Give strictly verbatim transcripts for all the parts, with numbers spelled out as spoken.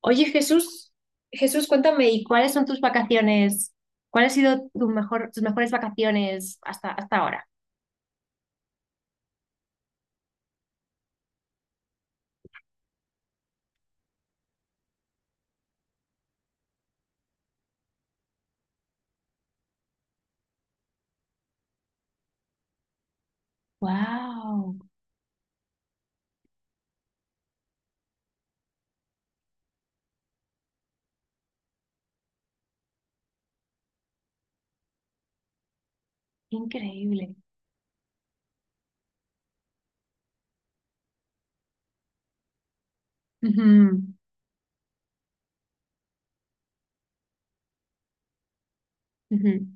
Oye, Jesús, Jesús, cuéntame, ¿y cuáles son tus vacaciones? ¿Cuál ha sido tu mejor, tus mejores vacaciones hasta, hasta ahora? ¡Wow! Increíble. Ujú, ujú.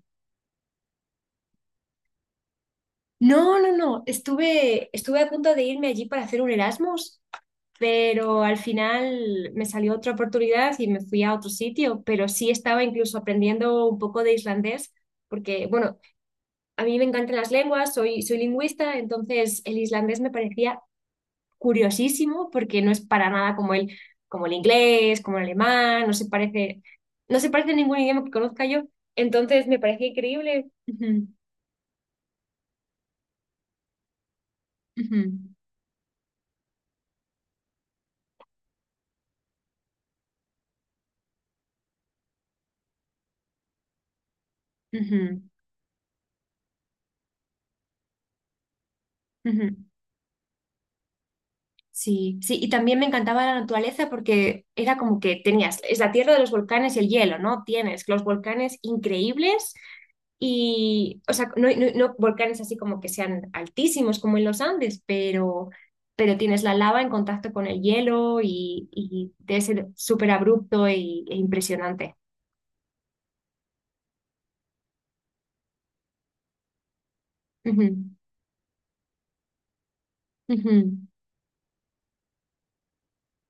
No, no, no. Estuve, estuve a punto de irme allí para hacer un Erasmus, pero al final me salió otra oportunidad y me fui a otro sitio, pero sí estaba incluso aprendiendo un poco de islandés, porque, bueno, a mí me encantan las lenguas, soy, soy lingüista, entonces el islandés me parecía curiosísimo porque no es para nada como el, como el inglés, como el alemán, no se parece, no se parece a ningún idioma que conozca yo. Entonces me parece increíble. Ujú, ujú, ujú, ujú. Sí, sí, y también me encantaba la naturaleza porque era como que tenías, es la tierra de los volcanes y el hielo, ¿no? Tienes los volcanes increíbles y, o sea, no, no, no volcanes así como que sean altísimos como en los Andes, pero, pero tienes la lava en contacto con el hielo y, y debe ser súper abrupto y- e, impresionante.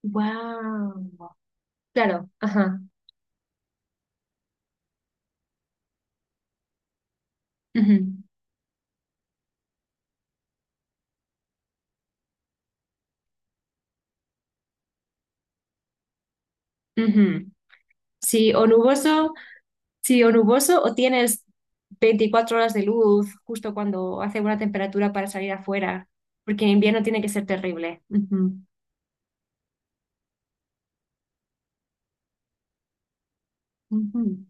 Wow. Claro, ajá. ujú, ujú. Sí, o nuboso Sí, o nuboso, o tienes veinticuatro horas de luz justo cuando hace buena temperatura para salir afuera, porque en invierno tiene que ser terrible. Ujú, ujú.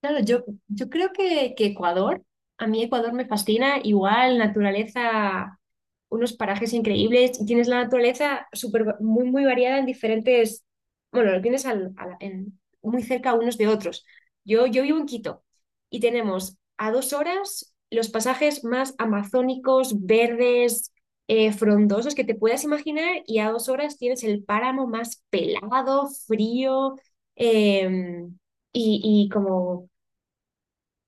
Claro, yo, yo creo que, que Ecuador, a mí Ecuador me fascina, igual naturaleza, unos parajes increíbles, y tienes la naturaleza súper, va- muy, muy variada en diferentes, bueno, lo tienes al- a en- muy cerca unos de otros. Yo, yo vivo en Quito y tenemos a dos horas los pasajes más amazónicos, verdes, eh, frondosos que te puedas imaginar y a dos horas tienes el páramo más pelado, frío. em, y, y como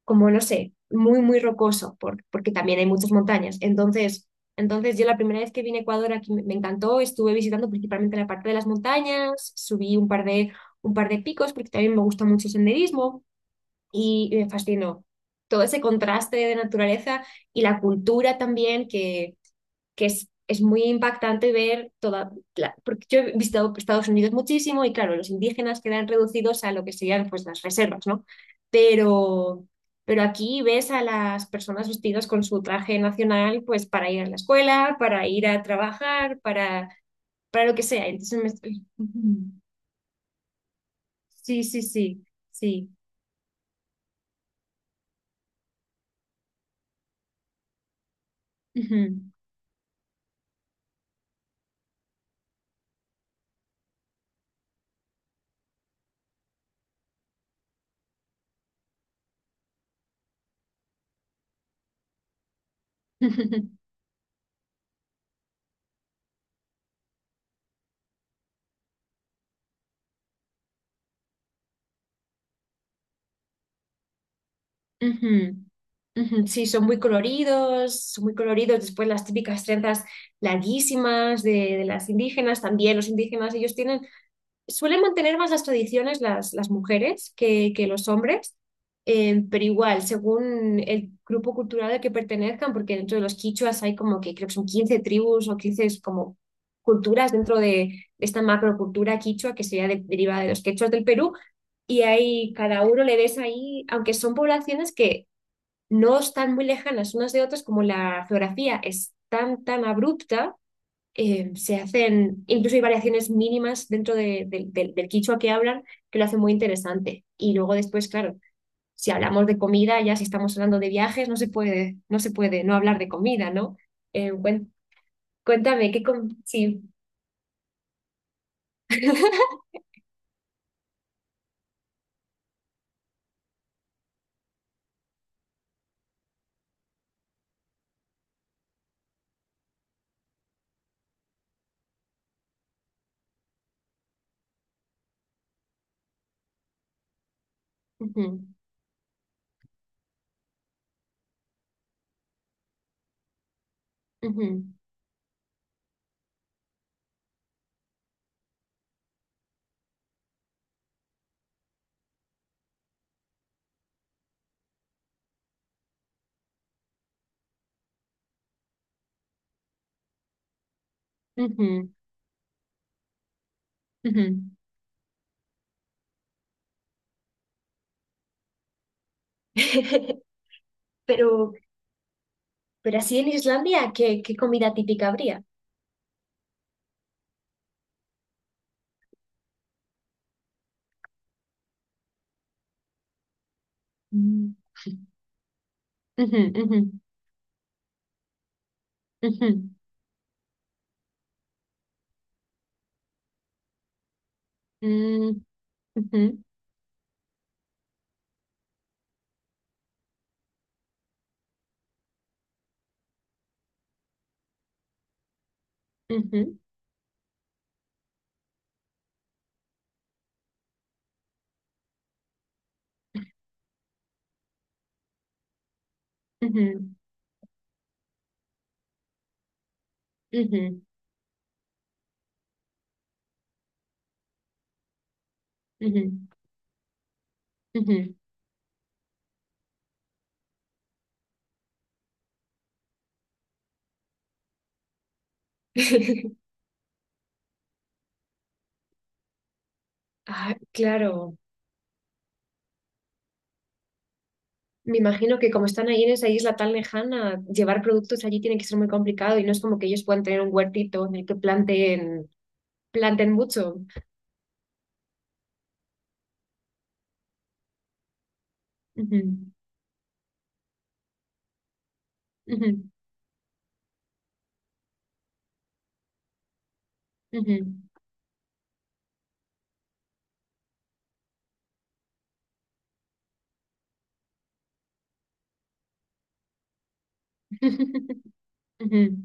como no sé, muy, muy rocoso, por- porque también hay muchas montañas. Entonces, entonces yo la primera vez que vine a Ecuador aquí me me encantó, estuve visitando principalmente la parte de las montañas, subí un par de, un par de picos porque también me gusta mucho el senderismo y, y me fascinó todo ese contraste de naturaleza y la cultura también que que es, es muy impactante ver toda, la- porque yo he visitado Estados Unidos muchísimo y claro, los indígenas quedan reducidos a lo que serían pues las reservas, ¿no? Pero, pero aquí ves a las personas vestidas con su traje nacional pues para ir a la escuela, para ir a trabajar, para, para lo que sea. Entonces me estoy- Ujú. Sí, sí, sí, sí. Ujú. Ujú, ujú, Sí, son muy coloridos, son muy coloridos. Después las típicas trenzas larguísimas de, de las indígenas, también los indígenas, ellos tienen, suelen mantener más las tradiciones las, las mujeres que, que los hombres, eh, pero igual, según el grupo cultural al que pertenezcan, porque dentro de los quichuas hay como que creo que son quince tribus o quince es como culturas dentro de, de esta macrocultura quichua que sería de- derivada de los quechuas del Perú. Y ahí cada uno le ves ahí, aunque son poblaciones que no están muy lejanas unas de otras, como la geografía es tan, tan abrupta, eh, se hacen, incluso hay variaciones mínimas dentro de- de- del del quichua que hablan que lo hacen muy interesante. Y luego después, claro, si hablamos de comida, ya si estamos hablando de viajes, no se puede, no se puede no hablar de comida, ¿no? Eh, cuen- cuéntame, ¿qué com- Sí. Ujú, ujú, ujú, ujú. Pero, pero así en Islandia, ¿qué, ¿qué comida típica habría? Mm. Ujú, ujú, ujú. Mm, ujú, ujú, ujú, ujú, ujú, ujú. Ah, claro. Me imagino que como están ahí en esa isla tan lejana, llevar productos allí tiene que ser muy complicado y no es como que ellos puedan tener un huertito en el que planten, planten mucho. Ujú, ujú, ujú, ujú,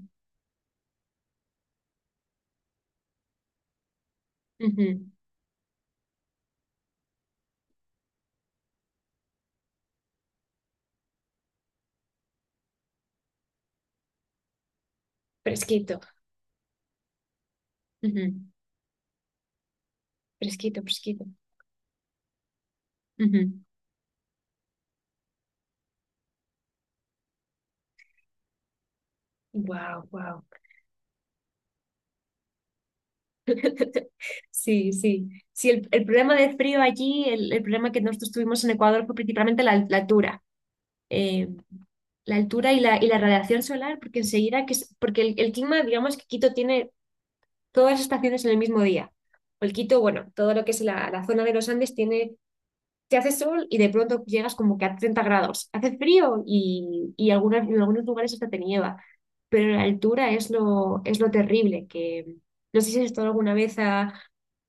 ujú. Fresquito, ujú, Fresquito, fresquito. Wow, wow. Sí, sí. Sí, el, el problema de frío allí, el, el problema que nosotros tuvimos en Ecuador fue principalmente la, al- la altura. Eh, la altura y la, y la radiación solar, porque enseguida que es, porque el, el clima, digamos que Quito tiene todas las estaciones en el mismo día. O el Quito, bueno, todo lo que es la, la zona de los Andes tiene te hace sol y de pronto llegas como que a treinta grados. Hace frío y, y algunas, en algunos lugares hasta te nieva, pero la altura es lo, es lo terrible, que no sé si has estado alguna vez a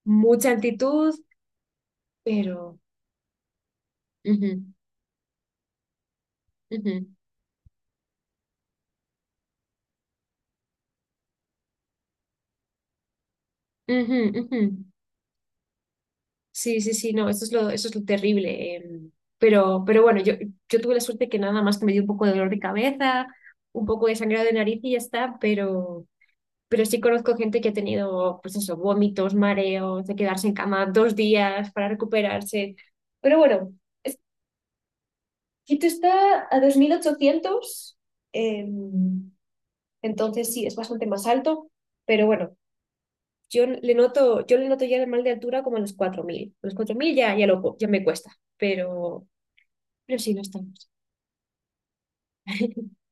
mucha altitud, pero... ujú, ujú, ujú, ujú. Sí, sí, sí, no, eso es lo, eso es lo terrible. Em, pero, pero bueno, yo, yo tuve la suerte que nada más que me dio un poco de dolor de cabeza, un poco de sangrado de nariz y ya está, pero... pero sí conozco gente que ha tenido, pues eso, vómitos, mareos, de quedarse en cama dos días para recuperarse. Pero bueno, es- Quito está a dos mil ochocientos, eh, entonces sí, es bastante más alto, pero bueno, yo le noto, yo le noto ya el mal de altura como a los cuatro mil. A los cuatro mil ya, ya, lo, ya me cuesta, pero, pero sí, no estamos.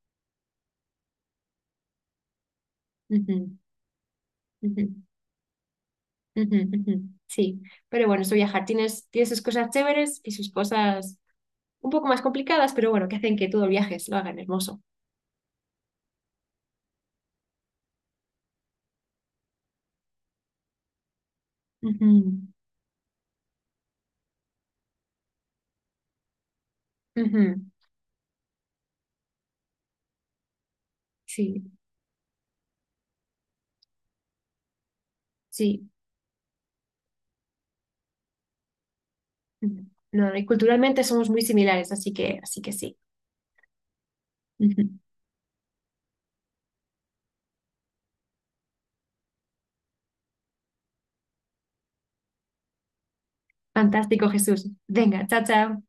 Ujú, ujú, ujú, ujú. Sí, pero bueno, eso viajar. Tienes, tiene sus cosas chéveres y sus cosas un poco más complicadas, pero bueno, que hacen que todo el viaje se lo hagan hermoso. Ujú, ujú, Sí, sí. ujú. No, y culturalmente somos muy similares, así que, así que sí. Ujú. Fantástico, Jesús. Venga, chao, chao.